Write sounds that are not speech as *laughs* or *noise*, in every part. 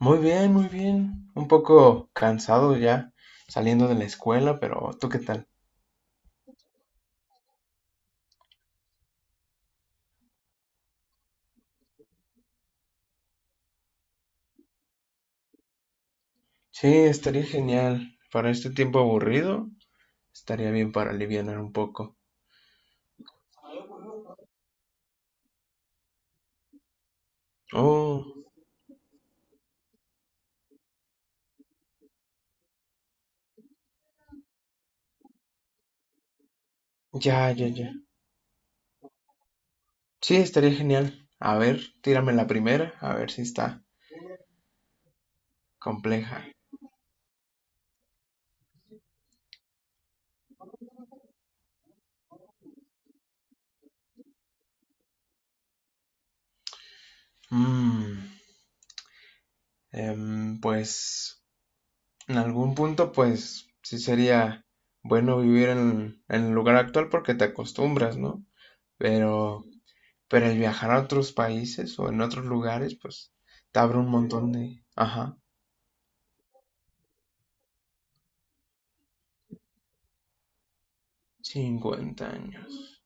Muy bien, muy bien. Un poco cansado ya saliendo de la escuela, pero ¿tú qué tal? Sí, estaría genial. Para este tiempo aburrido, estaría bien para alivianar un poco. Oh, ya. Sí, estaría genial. A ver, tírame la primera, a ver si está compleja. Mm, pues, en algún punto, pues, sí sería bueno vivir en el lugar actual porque te acostumbras, ¿no? Pero... Pero el viajar a otros países o en otros lugares, pues te abre un montón de... Ajá, 50 años.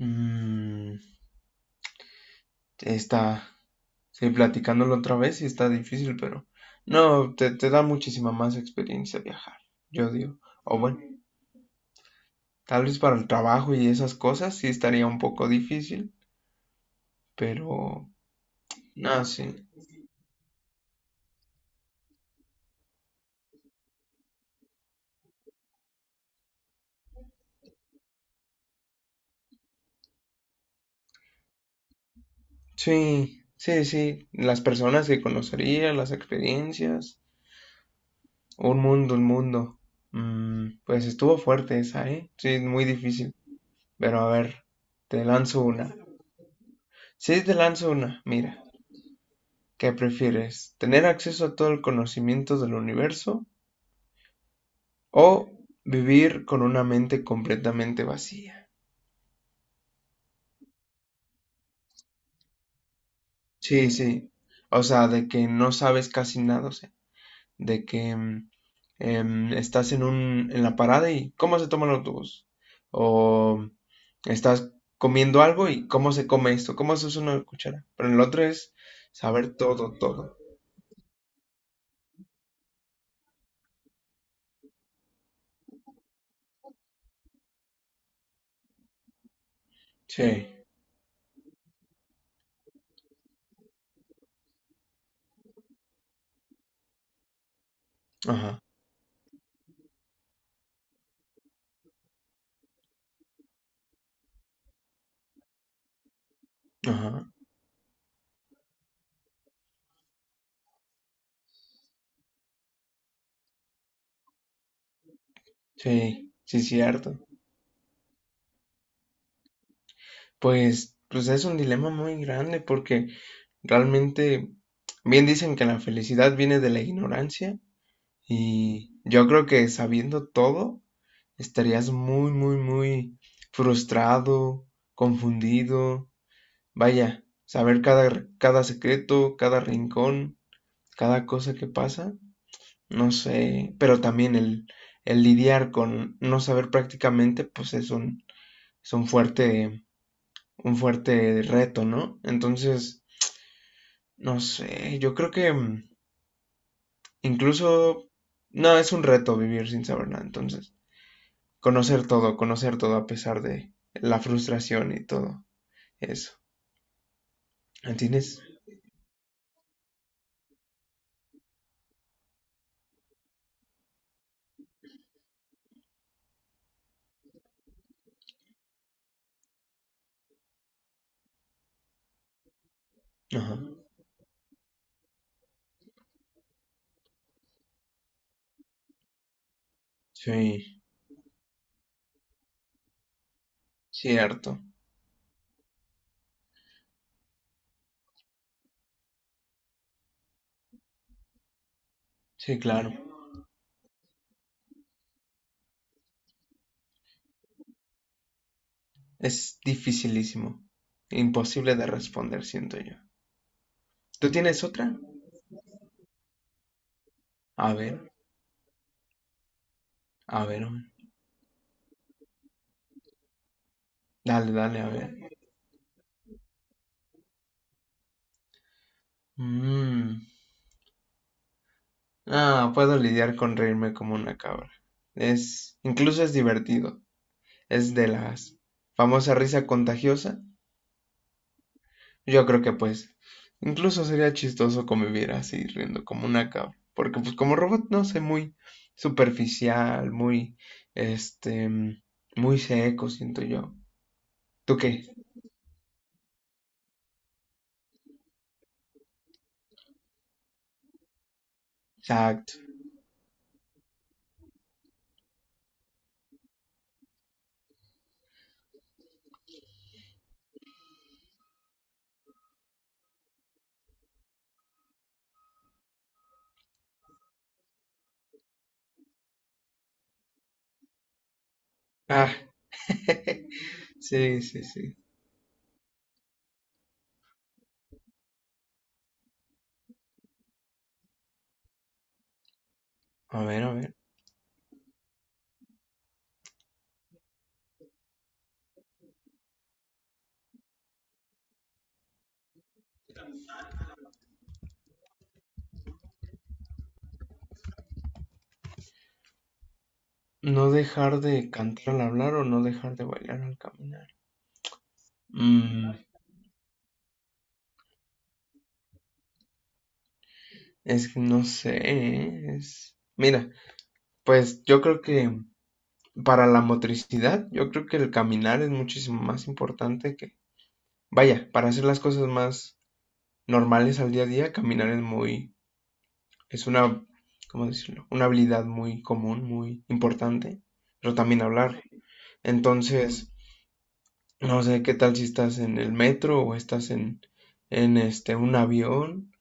Mm, está... Sí, platicándolo otra vez y está difícil, pero... No, te da muchísima más experiencia viajar, yo digo. O bueno, tal vez para el trabajo y esas cosas sí estaría un poco difícil, pero... No, sí. Sí. Las personas que conocería, las experiencias. Un mundo, un mundo. Pues estuvo fuerte esa, ¿eh? Sí, es muy difícil. Pero a ver, te lanzo una. Sí, te lanzo una. Mira, ¿qué prefieres? ¿Tener acceso a todo el conocimiento del universo o vivir con una mente completamente vacía? Sí, sí. O sea, de que no sabes casi nada, o sea, de que estás en un, en la parada y cómo se toma el autobús. O estás comiendo algo y cómo se come esto, cómo se usa una cuchara. Pero en el otro es saber todo, todo. Sí, ajá, ajá, sí, sí, cierto. Pues es un dilema muy grande porque realmente bien dicen que la felicidad viene de la ignorancia y yo creo que sabiendo todo estarías muy, muy, muy frustrado, confundido. Vaya, saber cada, cada secreto, cada rincón, cada cosa que pasa, no sé, pero también el lidiar con no saber prácticamente, pues es un fuerte reto, ¿no? Entonces, no sé, yo creo que incluso, no, es un reto vivir sin saber nada, entonces, conocer todo a pesar de la frustración y todo. Eso. ¿Entiendes? Ajá. Sí, cierto. Sí, claro. Es dificilísimo. Imposible de responder, siento yo. ¿Tú tienes otra? A ver, a ver, a ver. Dale, dale, a ver. Mm. Ah, puedo lidiar con reírme como una cabra. Es, incluso es divertido. Es de las famosa risa contagiosa. Yo creo que incluso sería chistoso convivir así, riendo como una cabra. Porque pues como robot, no sé, muy superficial, este, muy seco, siento yo. ¿Tú qué? Exacto. Ah, *laughs* sí. A ver, a ver. ¿No dejar de cantar al hablar o no dejar de bailar al caminar? Mm, es que no sé, ¿eh? Es... Mira, pues yo creo que para la motricidad, yo creo que el caminar es muchísimo más importante que... Vaya, para hacer las cosas más normales al día a día, caminar es muy, es una, ¿cómo decirlo? Una habilidad muy común, muy importante, pero también hablar. Entonces, no sé qué tal si estás en el metro o estás en, un avión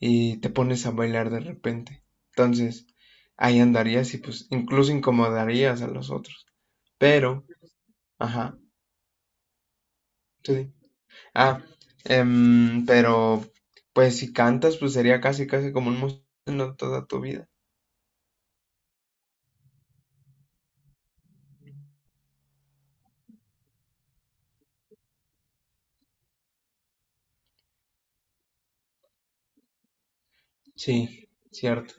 y te pones a bailar de repente. Entonces, ahí andarías y pues incluso incomodarías a los otros. Pero, ajá, tú... Ah, pero pues si cantas, pues sería casi casi como un músico toda tu vida. Sí, cierto.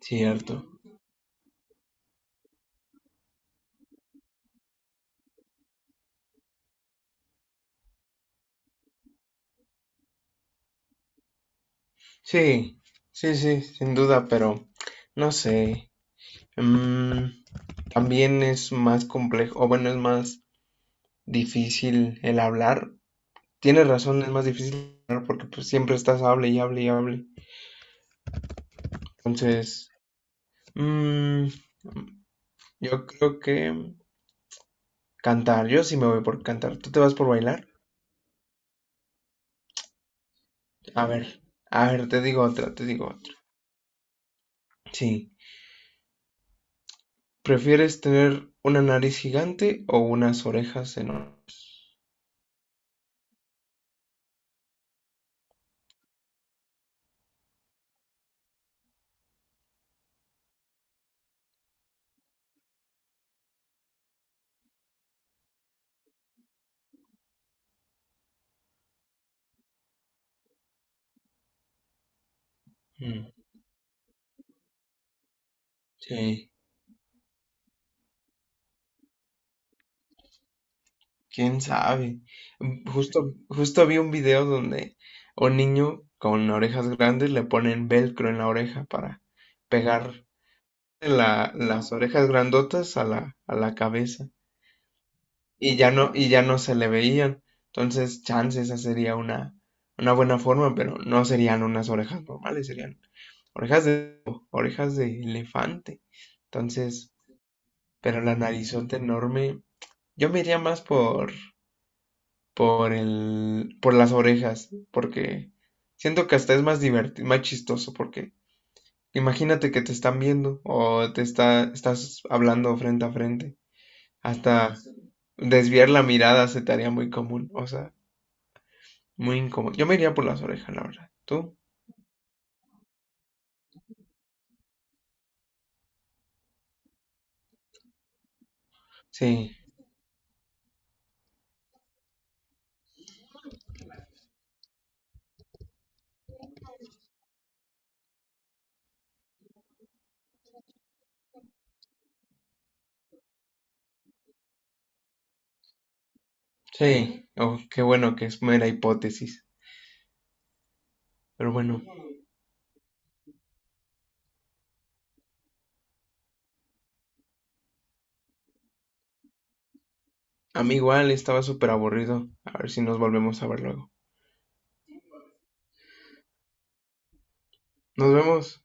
Cierto. Sí, sí, sin duda, pero no sé. Mm, También es más complejo, o bueno, es más difícil el hablar. Tienes razón, es más difícil hablar porque pues siempre estás hable y hable y hable. Entonces, mm, yo creo que cantar, yo sí me voy por cantar. ¿Tú te vas por bailar? A ver, a ver, te digo otra, te digo otra. Sí. ¿Prefieres tener una nariz gigante o unas orejas enormes? Mm, Sí, quién sabe. Justo, justo vi un video donde un niño con orejas grandes le ponen velcro en la oreja para pegar las orejas grandotas a a la cabeza. Y ya no se le veían. Entonces, chance, esa sería una buena forma, pero no serían unas orejas normales, serían orejas de, orejas de elefante. Entonces, pero la narizota enorme, yo me iría más por, por las orejas, porque siento que hasta es más divertido, más chistoso, porque imagínate que te están viendo o estás hablando frente a frente. Hasta desviar la mirada se te haría muy común, o sea. Muy incómodo. Yo me iría por las orejas, la verdad. ¿Tú? Sí, sí. Oh, qué bueno que es mera hipótesis. Pero bueno, a mí igual estaba súper aburrido. A ver si nos volvemos a ver luego. Nos vemos.